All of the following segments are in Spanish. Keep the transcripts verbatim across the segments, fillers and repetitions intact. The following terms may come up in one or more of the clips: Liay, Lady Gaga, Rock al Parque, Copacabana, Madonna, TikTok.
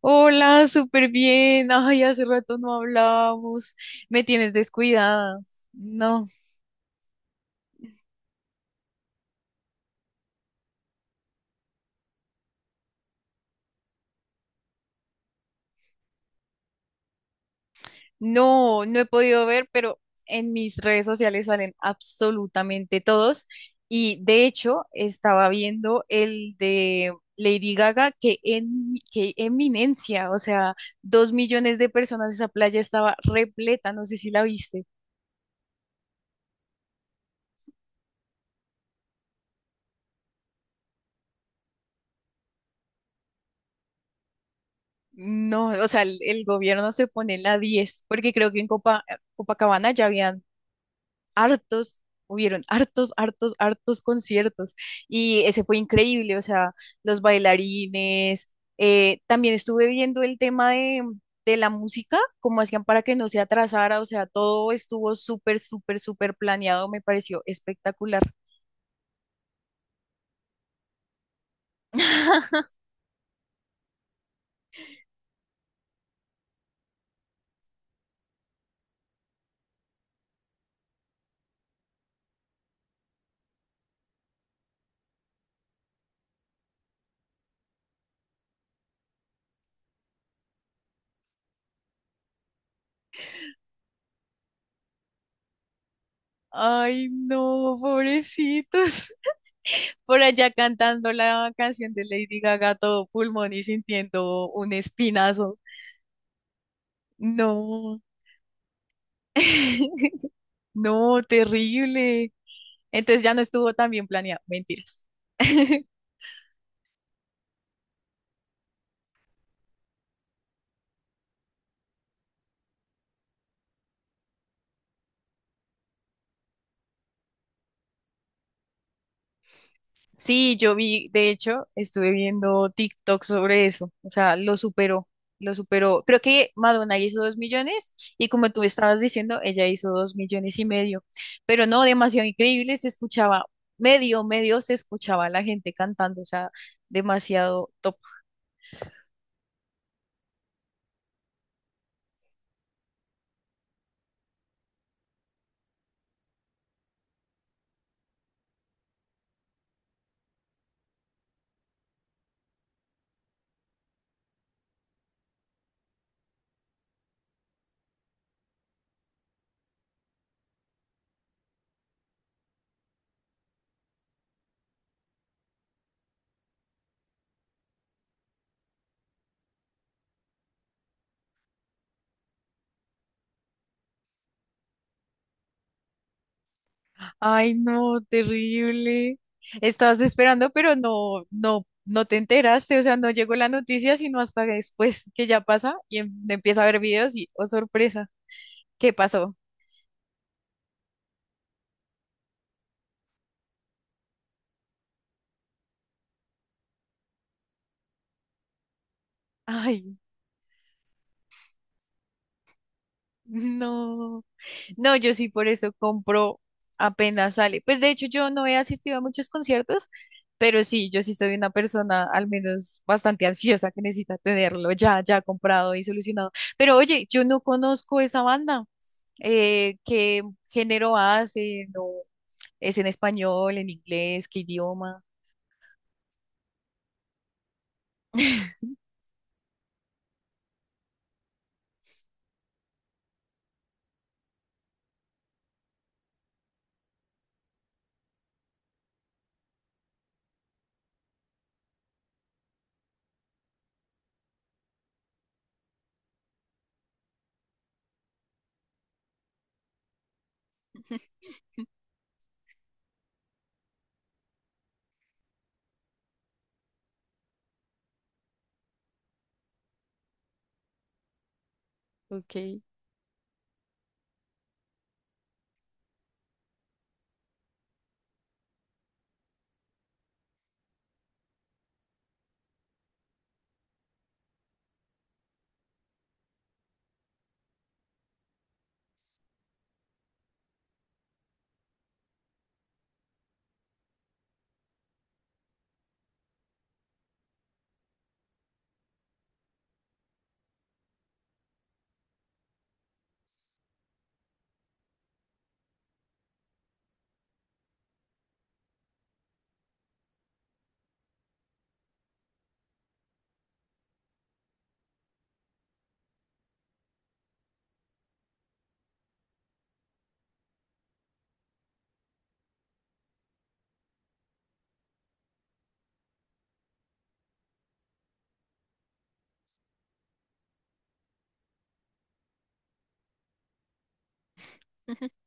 Hola, súper bien. Ay, hace rato no hablábamos. Me tienes descuidada. No, no, no he podido ver, pero en mis redes sociales salen absolutamente todos. Y de hecho, estaba viendo el de Lady Gaga, que en, qué eminencia, o sea, dos millones de personas, esa playa estaba repleta, no sé si la viste. No, o sea, el, el gobierno se pone en la diez, porque creo que en Copa, Copacabana ya habían hartos, hubieron hartos, hartos, hartos conciertos y ese fue increíble, o sea, los bailarines, eh, también estuve viendo el tema de, de la música, cómo hacían para que no se atrasara, o sea, todo estuvo súper, súper, súper planeado, me pareció espectacular. Ay, no, pobrecitos. Por allá cantando la canción de Lady Gaga, todo pulmón y sintiendo un espinazo. No. No, terrible. Entonces ya no estuvo tan bien planeado. Mentiras. Sí, yo vi, de hecho, estuve viendo TikTok sobre eso. O sea, lo superó, lo superó. Creo que Madonna hizo dos millones y, como tú estabas diciendo, ella hizo dos millones y medio. Pero no, demasiado increíble, se escuchaba medio, medio, se escuchaba la gente cantando. O sea, demasiado top. Ay, no, terrible. Estabas esperando, pero no, no, no te enteraste, o sea, no llegó la noticia sino hasta después que ya pasa y em- empieza a ver videos y, oh, sorpresa, ¿qué pasó? Ay, no. No, yo sí por eso compro apenas sale. Pues de hecho yo no he asistido a muchos conciertos, pero sí, yo sí soy una persona al menos bastante ansiosa que necesita tenerlo ya, ya comprado y solucionado. Pero oye, yo no conozco esa banda. Eh, ¿qué género hace? ¿No es en español, en inglés, qué idioma? Ok.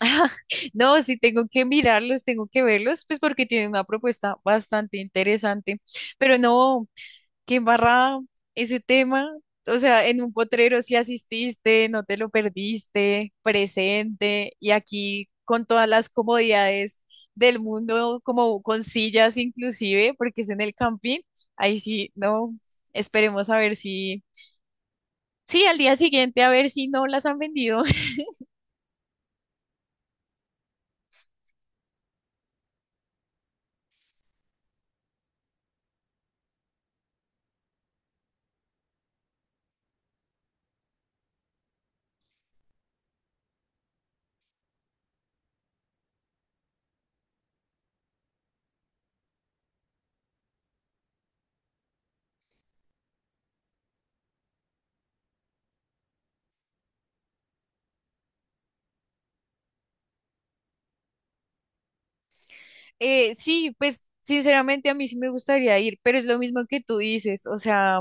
Ah, no, sí tengo que mirarlos, tengo que verlos, pues porque tienen una propuesta bastante interesante. Pero no, qué embarrada ese tema. O sea, en un potrero sí asististe, no te lo perdiste, presente, y aquí con todas las comodidades del mundo, como con sillas inclusive, porque es en el camping, ahí sí, no, esperemos a ver si, sí, al día siguiente a ver si no las han vendido. Eh, sí, pues sinceramente a mí sí me gustaría ir, pero es lo mismo que tú dices, o sea,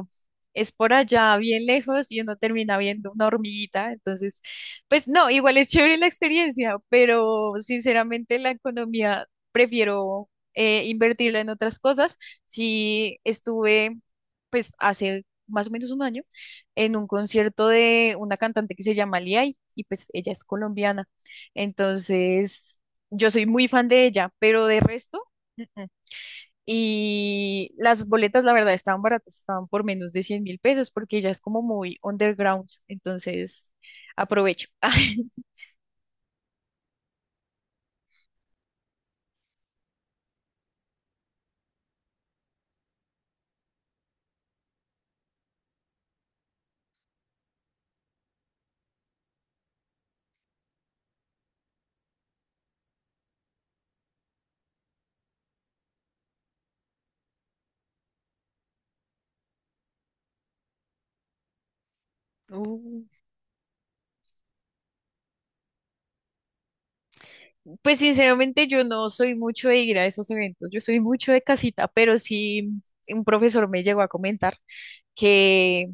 es por allá bien lejos y uno termina viendo una hormiguita, entonces, pues no, igual es chévere la experiencia, pero sinceramente la economía prefiero eh, invertirla en otras cosas. Si estuve, pues hace más o menos un año, en un concierto de una cantante que se llama Liay y pues ella es colombiana. Entonces, yo soy muy fan de ella, pero de resto, mm, mm. Y las boletas, la verdad, estaban baratas, estaban por menos de cien mil pesos, porque ella es como muy underground, entonces aprovecho. Uh, pues sinceramente yo no soy mucho de ir a esos eventos, yo soy mucho de casita, pero sí un profesor me llegó a comentar que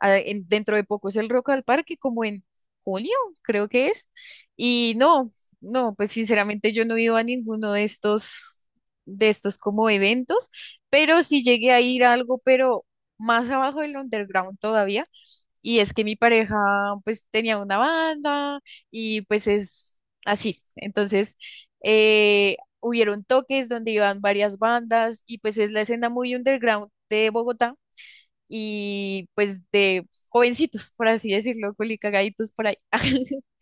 ah, en- dentro de poco es el Rock al Parque, como en junio, creo que es. Y no, no, pues sinceramente yo no he ido a ninguno de estos, de estos como eventos, pero sí llegué a ir a algo, pero más abajo del underground todavía. Y es que mi pareja pues tenía una banda y pues es así. Entonces, eh, hubieron toques donde iban varias bandas y pues es la escena muy underground de Bogotá y pues de jovencitos, por así decirlo, culicagaditos por ahí.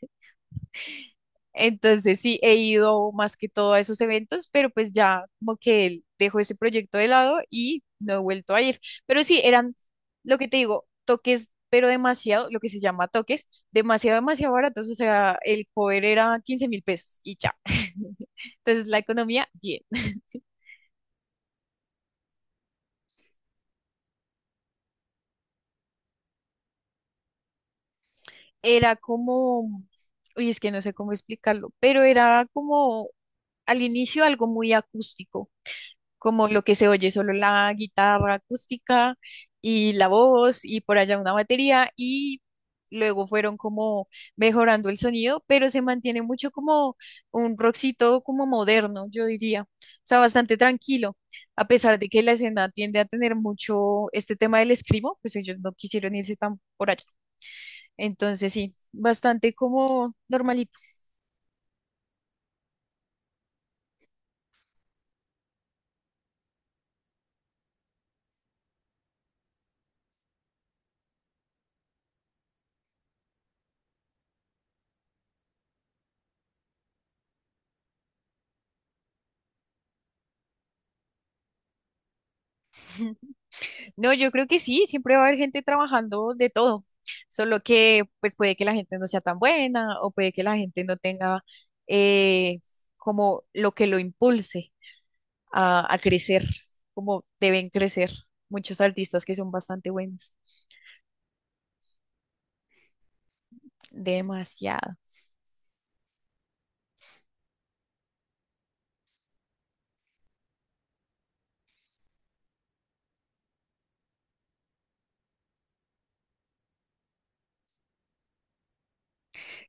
Entonces sí, he ido más que todo a esos eventos, pero pues ya como que dejo ese proyecto de lado y no he vuelto a ir. Pero sí, eran, lo que te digo, toques, pero demasiado, lo que se llama toques, demasiado, demasiado baratos. O sea, el cover era quince mil pesos y ya. Entonces la economía, bien. Era como, uy, es que no sé cómo explicarlo, pero era como al inicio algo muy acústico, como lo que se oye solo la guitarra acústica y la voz y por allá una batería y luego fueron como mejorando el sonido, pero se mantiene mucho como un rockcito como moderno, yo diría, o sea, bastante tranquilo, a pesar de que la escena tiende a tener mucho este tema del escribo, pues ellos no quisieron irse tan por allá. Entonces sí, bastante como normalito. No, yo creo que sí, siempre va a haber gente trabajando de todo, solo que pues puede que la gente no sea tan buena o puede que la gente no tenga eh, como lo que lo impulse a, a crecer, como deben crecer muchos artistas que son bastante buenos. Demasiado.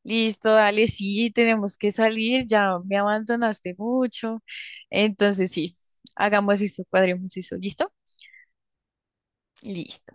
Listo, dale, sí, tenemos que salir, ya me abandonaste mucho. Entonces sí, hagamos esto, cuadremos eso, ¿listo? Listo.